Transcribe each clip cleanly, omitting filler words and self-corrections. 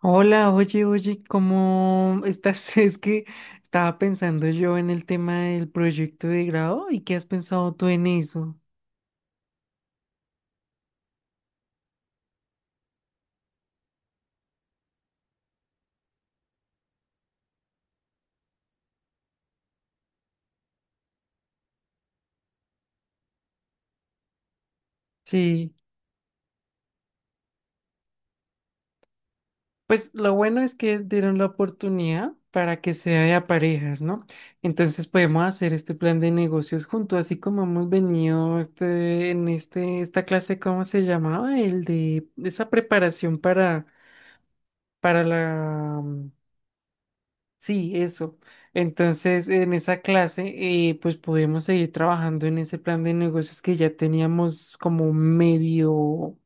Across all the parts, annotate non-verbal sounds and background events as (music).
Hola, oye, oye, ¿cómo estás? (laughs) Es que estaba pensando yo en el tema del proyecto de grado y qué has pensado tú en eso. Sí, pues lo bueno es que dieron la oportunidad para que sea de a parejas, ¿no? Entonces podemos hacer este plan de negocios juntos, así como hemos venido esta clase. ¿Cómo se llamaba? El de esa preparación para, la. Sí, eso. Entonces, en esa clase, pues pudimos seguir trabajando en ese plan de negocios que ya teníamos como medio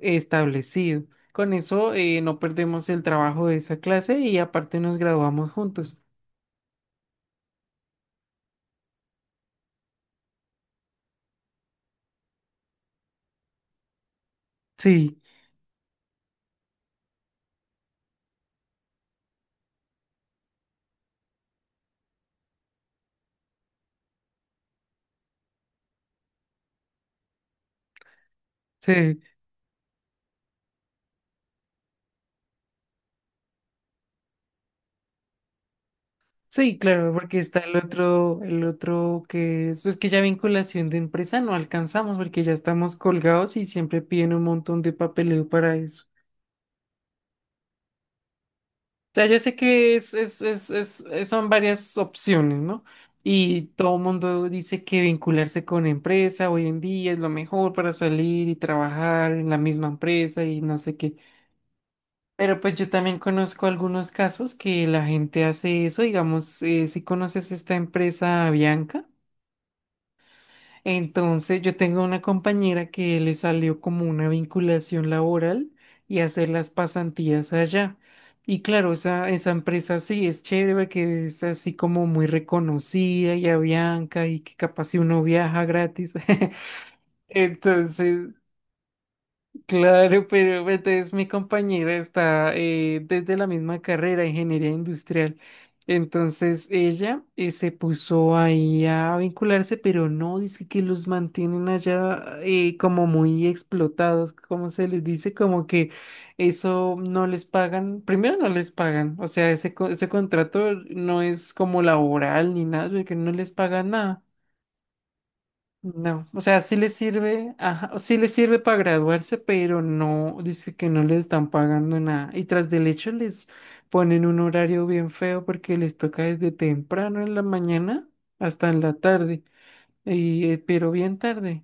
establecido. Con eso, no perdemos el trabajo de esa clase y aparte nos graduamos juntos. Sí, sí, sí, claro, porque está el otro, el otro, que es, pues, que ya vinculación de empresa no alcanzamos porque ya estamos colgados y siempre piden un montón de papeleo para eso. Sea, yo sé que son varias opciones, ¿no? Y todo el mundo dice que vincularse con empresa hoy en día es lo mejor para salir y trabajar en la misma empresa y no sé qué. Pero pues yo también conozco algunos casos que la gente hace eso, digamos, si conoces esta empresa Bianca. Entonces, yo tengo una compañera que le salió como una vinculación laboral y hacer las pasantías allá. Y claro, esa empresa sí es chévere, que es así como muy reconocida y a Bianca y que capaz si uno viaja gratis. (laughs) Entonces, claro, pero pues, entonces mi compañera está desde la misma carrera, ingeniería industrial. Entonces ella se puso ahí a vincularse, pero no, dice que los mantienen allá como muy explotados, como se les dice, como que eso no les pagan, primero no les pagan, o sea, ese, ese contrato no es como laboral ni nada, que no les pagan nada. No, o sea, sí les sirve, ajá, sí les sirve para graduarse, pero no, dice que no les están pagando nada. Y tras del hecho les ponen un horario bien feo porque les toca desde temprano en la mañana hasta en la tarde, pero bien tarde.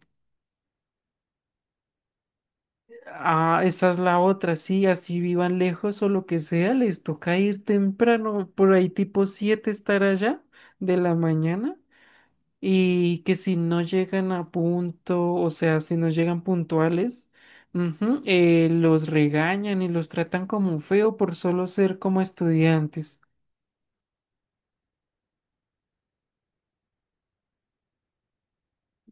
Ah, esa es la otra, sí, así vivan lejos o lo que sea, les toca ir temprano, por ahí tipo 7 estar allá de la mañana. Y que si no llegan a punto, o sea, si no llegan puntuales, ujú, los regañan y los tratan como feo por solo ser como estudiantes.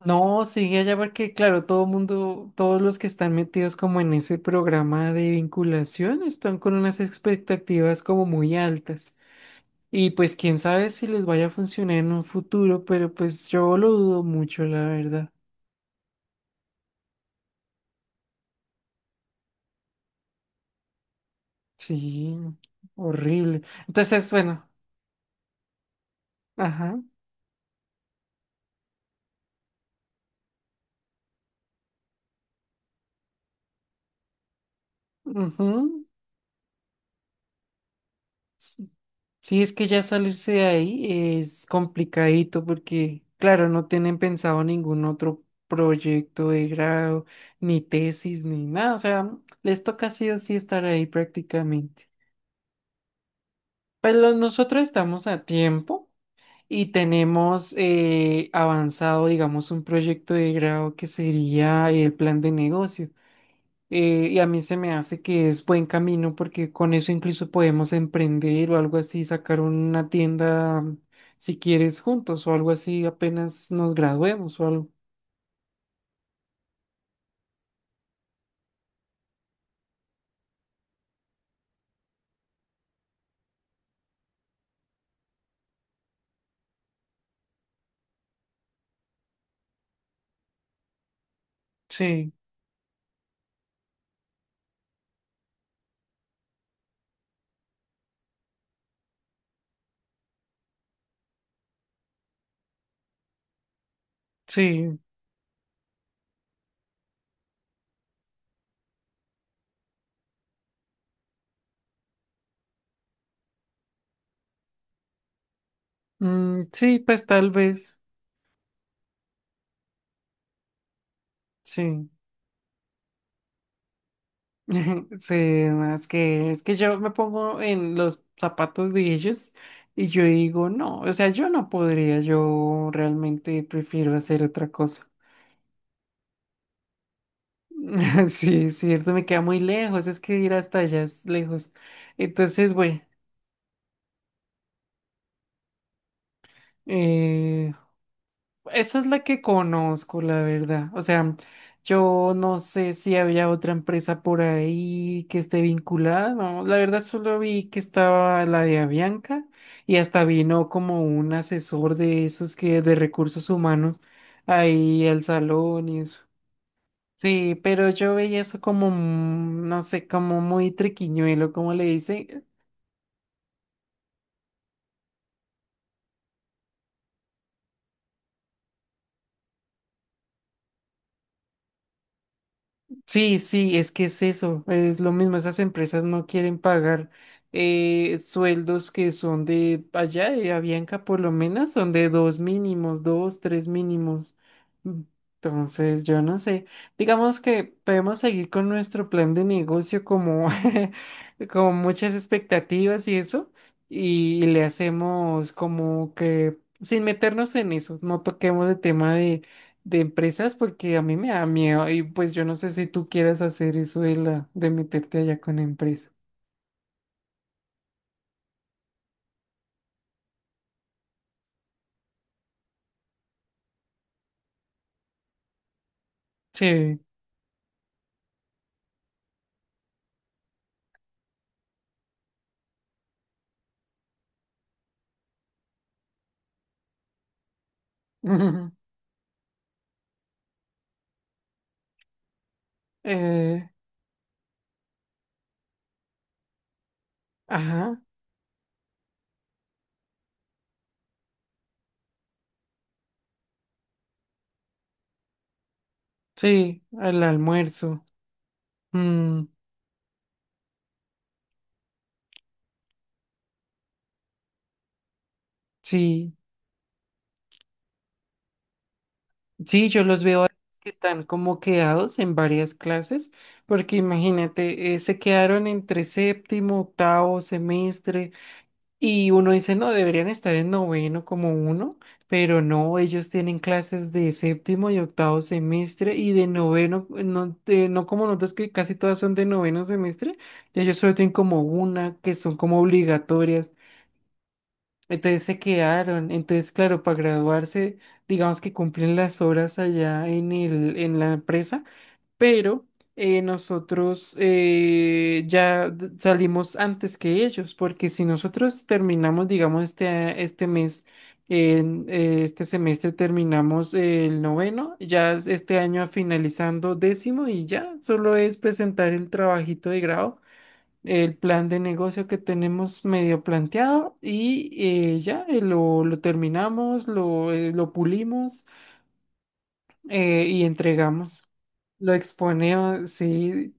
No, sigue allá porque, claro, todos los que están metidos como en ese programa de vinculación están con unas expectativas como muy altas. Y pues quién sabe si les vaya a funcionar en un futuro, pero pues yo lo dudo mucho, la verdad. Sí, horrible. Entonces, bueno, ajá. Ujú. Sí, sí, es que ya salirse de ahí es complicadito porque, claro, no tienen pensado ningún otro proyecto de grado, ni tesis, ni nada. O sea, les toca sí o sí estar ahí prácticamente. Pero nosotros estamos a tiempo y tenemos avanzado, digamos, un proyecto de grado que sería el plan de negocio. Y a mí se me hace que es buen camino porque con eso incluso podemos emprender o algo así, sacar una tienda si quieres juntos o algo así apenas nos graduemos o algo. Sí, sí, mm, sí, pues tal vez, sí. (laughs) Sí, no, es que, yo me pongo en los zapatos de ellos y yo digo, no, o sea, yo no podría, yo realmente prefiero hacer otra cosa. (laughs) Sí, es cierto, me queda muy lejos, es que ir hasta allá es lejos. Entonces, güey, eh, esa es la que conozco, la verdad. O sea, yo no sé si había otra empresa por ahí que esté vinculada, no, la verdad solo vi que estaba la de Avianca y hasta vino como un asesor de esos que de recursos humanos ahí al salón y eso. Sí, pero yo veía eso como, no sé, como muy triquiñuelo, como le dice. Sí, sí, es que es eso, es lo mismo, esas empresas no quieren pagar sueldos que son de allá, de Avianca por lo menos, son de dos mínimos, dos, tres mínimos. Mm, Entonces, yo no sé, digamos que podemos seguir con nuestro plan de negocio como (laughs) con muchas expectativas y eso, y le hacemos como que sin meternos en eso, no toquemos el tema de empresas porque a mí me da miedo y pues yo no sé si tú quieras hacer eso de la de meterte allá con empresa. Sí. (laughs) Eh, ajá. Sí, al almuerzo. Mm, sí. Sí, yo los veo a los que están como quedados en varias clases porque imagínate, se quedaron entre séptimo, octavo semestre. Y uno dice, no, deberían estar en noveno como uno, pero no, ellos tienen clases de séptimo y octavo semestre y de noveno, no, no como nosotros, que casi todas son de noveno semestre, y ellos solo tienen como una que son como obligatorias. Entonces se quedaron, entonces claro, para graduarse, digamos que cumplen las horas allá en el, en la empresa, pero nosotros ya salimos antes que ellos, porque si nosotros terminamos, digamos, este mes, este semestre terminamos el noveno, ya es este año finalizando décimo y ya solo es presentar el trabajito de grado. El plan de negocio que tenemos medio planteado y ya lo terminamos, lo pulimos, y entregamos. Lo exponemos, sí,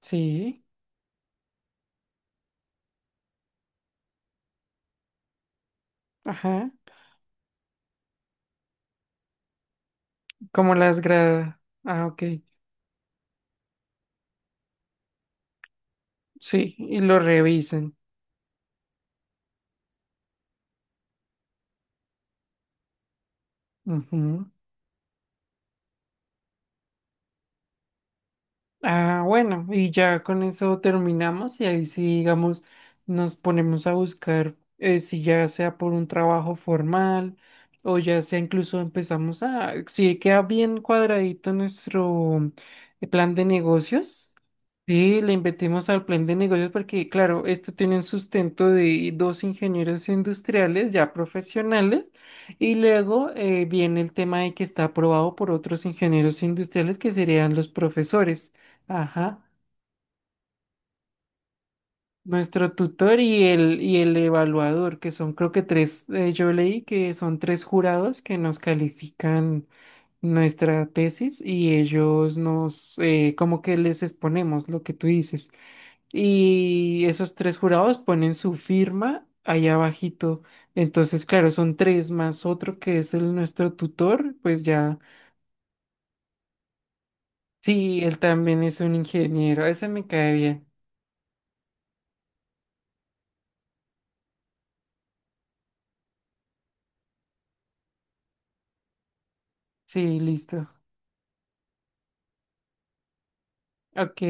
sí, ajá. Ah, ok. Sí, y lo revisan. Ujú. Ah, bueno, y ya con eso terminamos y ahí sí, digamos, nos ponemos a buscar si ya sea por un trabajo formal o ya sea incluso empezamos a, si queda bien cuadradito nuestro plan de negocios, sí, le invertimos al plan de negocios porque, claro, este tiene un sustento de dos ingenieros industriales ya profesionales y luego viene el tema de que está aprobado por otros ingenieros industriales que serían los profesores. Ajá. Nuestro tutor y el evaluador, que son creo que tres, yo leí que son tres jurados que nos califican nuestra tesis y ellos nos, como que les exponemos lo que tú dices. Y esos tres jurados ponen su firma allá abajito. Entonces, claro, son tres más otro que es el nuestro tutor, pues ya, sí, él también es un ingeniero, ese me cae bien. Sí, listo. Ok.